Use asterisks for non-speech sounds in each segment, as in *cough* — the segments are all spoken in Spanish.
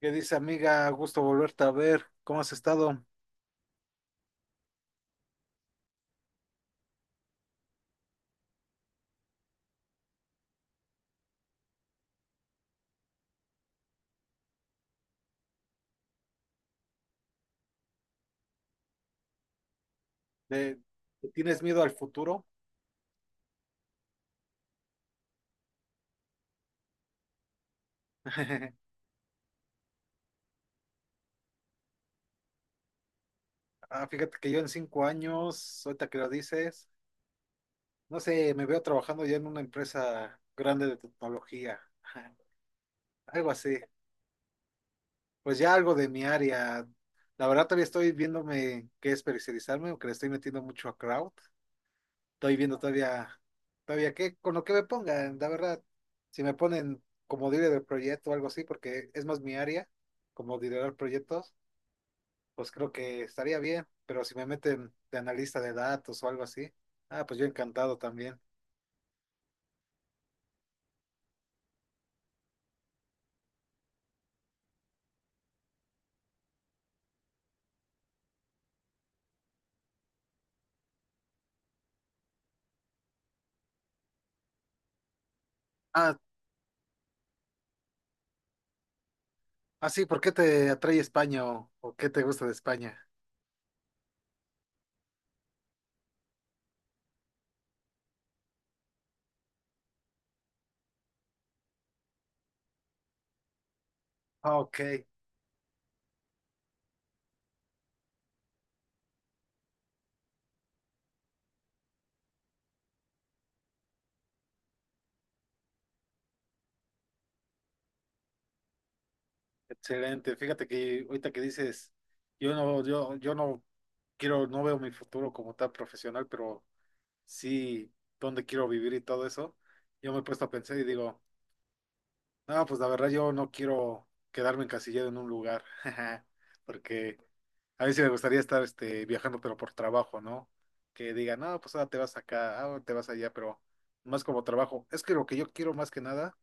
¿Qué dice, amiga? Gusto volverte a ver. ¿Cómo has estado? ¿Le- Le tienes miedo al futuro? *laughs* Ah, fíjate que yo en 5 años, ahorita que lo dices, no sé, me veo trabajando ya en una empresa grande de tecnología, *laughs* algo así. Pues ya algo de mi área. La verdad todavía estoy viéndome qué especializarme, aunque le estoy metiendo mucho a crowd. Estoy viendo todavía, todavía qué, con lo que me pongan, la verdad. Si me ponen como líder del proyecto o algo así, porque es más mi área, como liderar proyectos, pues creo que estaría bien. Pero si me meten de analista de datos o algo así, ah, pues yo encantado también. Ah, ah, sí, ¿por qué te atrae España o qué te gusta de España? Ah, ok, excelente. Fíjate que ahorita que dices, yo no quiero, no veo mi futuro como tan profesional, pero sí, dónde quiero vivir y todo eso, yo me he puesto a pensar y digo, no, pues la verdad yo no quiero quedarme encasillado en un lugar, *laughs* porque a mí sí me gustaría estar viajando, pero por trabajo, ¿no? Que digan, no, pues ahora te vas acá, ahora te vas allá, pero más como trabajo. Es que lo que yo quiero más que nada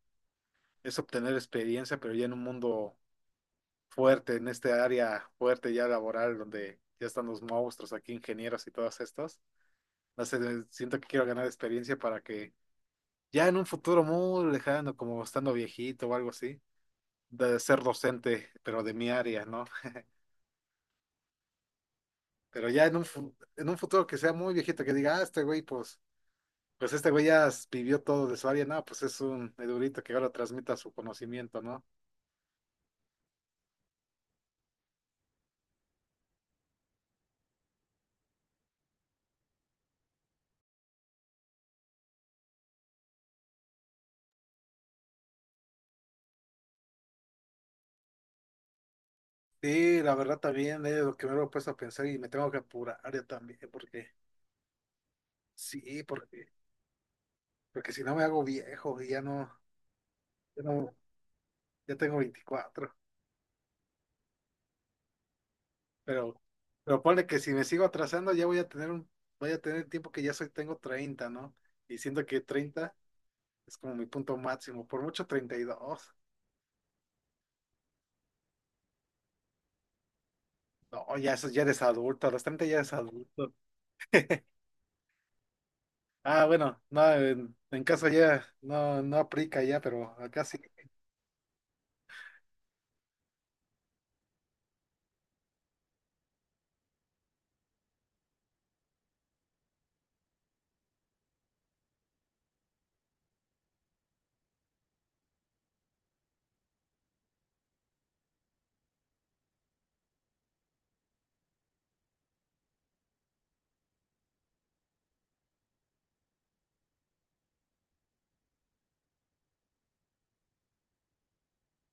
es obtener experiencia, pero ya en un mundo fuerte, en este área fuerte ya laboral, donde ya están los monstruos aquí, ingenieros y todos estos. No sé, siento que quiero ganar experiencia para que ya en un futuro muy lejano, como estando viejito o algo así, de ser docente, pero de mi área, ¿no? Pero ya en un futuro que sea muy viejito, que diga, ah, este güey, pues este güey ya vivió todo de su área, no, pues es un edurito que ahora transmita su conocimiento, ¿no? Sí, la verdad también es lo que me lo he puesto a pensar y me tengo que apurar yo también, porque sí, porque si no me hago viejo y ya no, ya no, ya tengo 24. Pero, pero ponle que si me sigo atrasando ya voy a tener voy a tener tiempo que tengo 30, ¿no? Y siento que 30 es como mi punto máximo, por mucho 32. No, ya eso ya eres adulto, a los 30 ya eres adulto. *laughs* Ah, bueno, no, en caso ya no, no aplica ya, pero acá sí.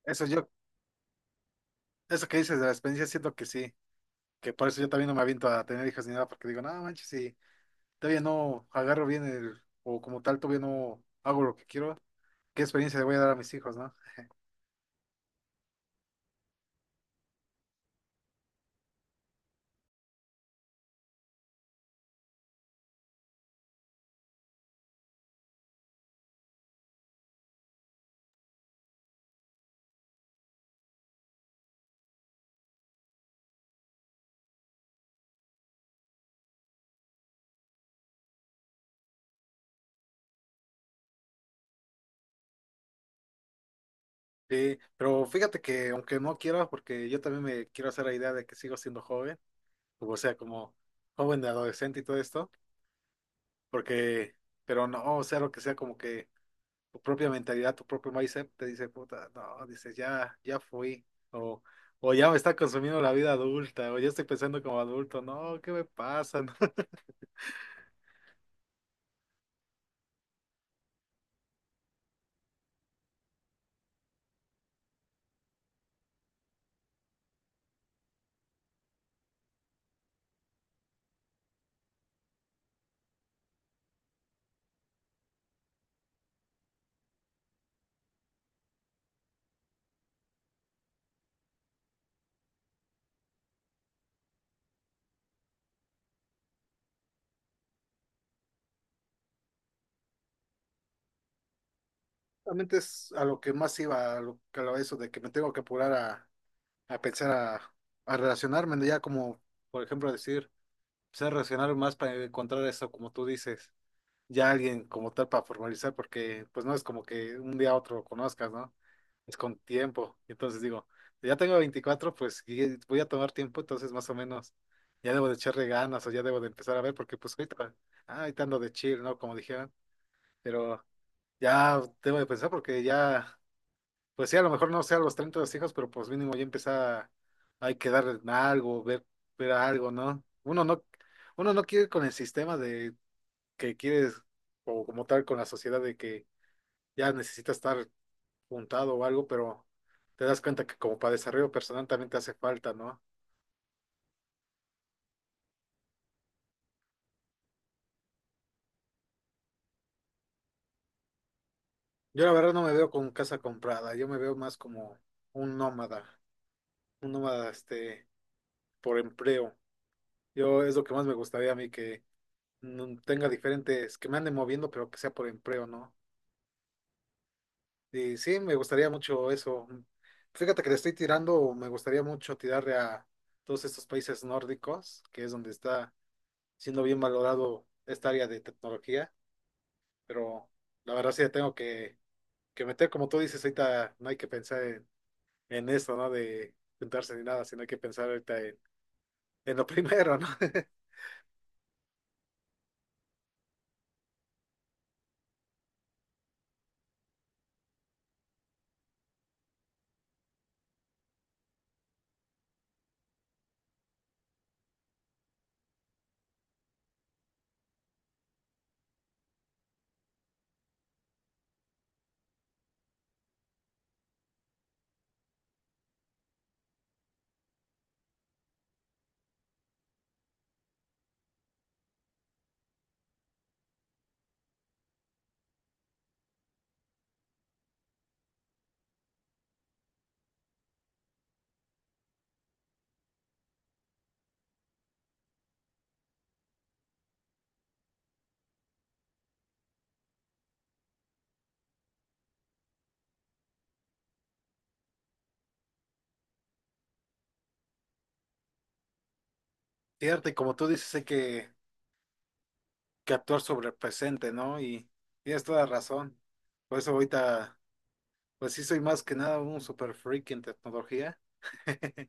Eso yo, eso que dices de la experiencia siento que sí, que por eso yo también no me aviento a tener hijos ni nada, porque digo, no manches, si todavía no agarro bien el, o como tal todavía no hago lo que quiero, ¿qué experiencia le voy a dar a mis hijos, no? Sí, pero fíjate que aunque no quiera, porque yo también me quiero hacer la idea de que sigo siendo joven, o sea, como joven de adolescente y todo esto, porque, pero no, o sea, lo que sea, como que tu propia mentalidad, tu propio mindset te dice, puta, no, dices, ya fui, o, o ya me está consumiendo la vida adulta, o ya estoy pensando como adulto, no, ¿qué me pasa? *laughs* ¿no? Realmente es a lo que más iba, eso de que me tengo que apurar a pensar, a relacionarme, ¿no? Ya como, por ejemplo, decir. Se reaccionaron más para encontrar eso, como tú dices, ya alguien como tal para formalizar, porque pues no es como que un día a otro lo conozcas, ¿no? Es con tiempo. Entonces digo, ya tengo 24 pues y voy a tomar tiempo, entonces más o menos ya debo de echarle ganas o ya debo de empezar a ver, porque pues ahorita ando de chill, ¿no? Como dijeron, pero ya debo de pensar porque ya. Pues sí, a lo mejor no sea a los 30 los hijos, pero pues mínimo ya empezar hay que dar algo, ver algo, ¿no? Uno no quiere ir con el sistema de que quieres, o como tal con la sociedad de que ya necesita estar juntado o algo, pero te das cuenta que como para desarrollo personal también te hace falta, ¿no? Yo la verdad no me veo con casa comprada, yo me veo más como un nómada, un nómada, este, por empleo. Yo es lo que más me gustaría a mí que no tenga diferentes, que me anden moviendo, pero que sea por empleo, ¿no? Y sí, me gustaría mucho eso. Fíjate que le estoy tirando, me gustaría mucho tirarle a todos estos países nórdicos, que es donde está siendo bien valorado esta área de tecnología, pero la verdad sí le tengo que meter, como tú dices, ahorita no hay que pensar en, esto, ¿no? De juntarse ni nada, sino hay que pensar ahorita en, lo primero, ¿no? *laughs* Cierto, y como tú dices, hay que actuar sobre el presente, ¿no? Y tienes toda razón. Por eso ahorita, pues sí soy más que nada un super freak en tecnología. *laughs*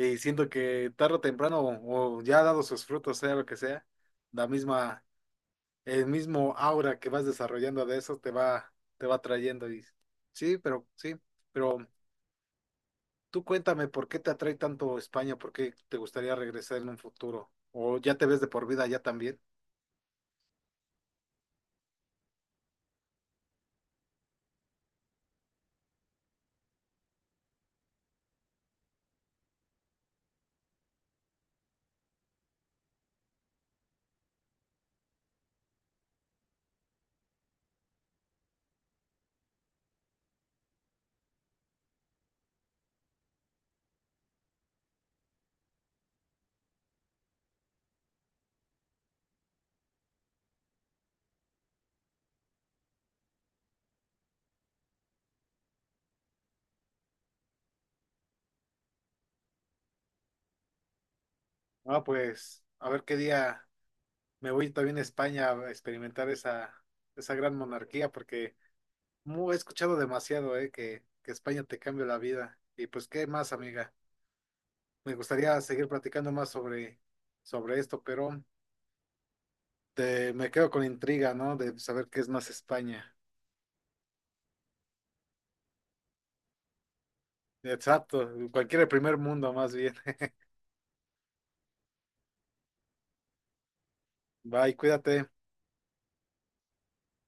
Y siento que tarde o temprano, o ya ha dado sus frutos, sea lo que sea, la misma, el mismo aura que vas desarrollando de eso te va atrayendo. Y sí, pero tú cuéntame por qué te atrae tanto España, por qué te gustaría regresar en un futuro, o ya te ves de por vida ya también. Ah, pues, a ver qué día. Me voy también a España a experimentar esa gran monarquía, porque he escuchado demasiado, que España te cambia la vida. Y pues, ¿qué más, amiga? Me gustaría seguir platicando más sobre esto, pero me quedo con intriga, ¿no? De saber qué es más España. Exacto, cualquier primer mundo más bien. *laughs* Bye, cuídate.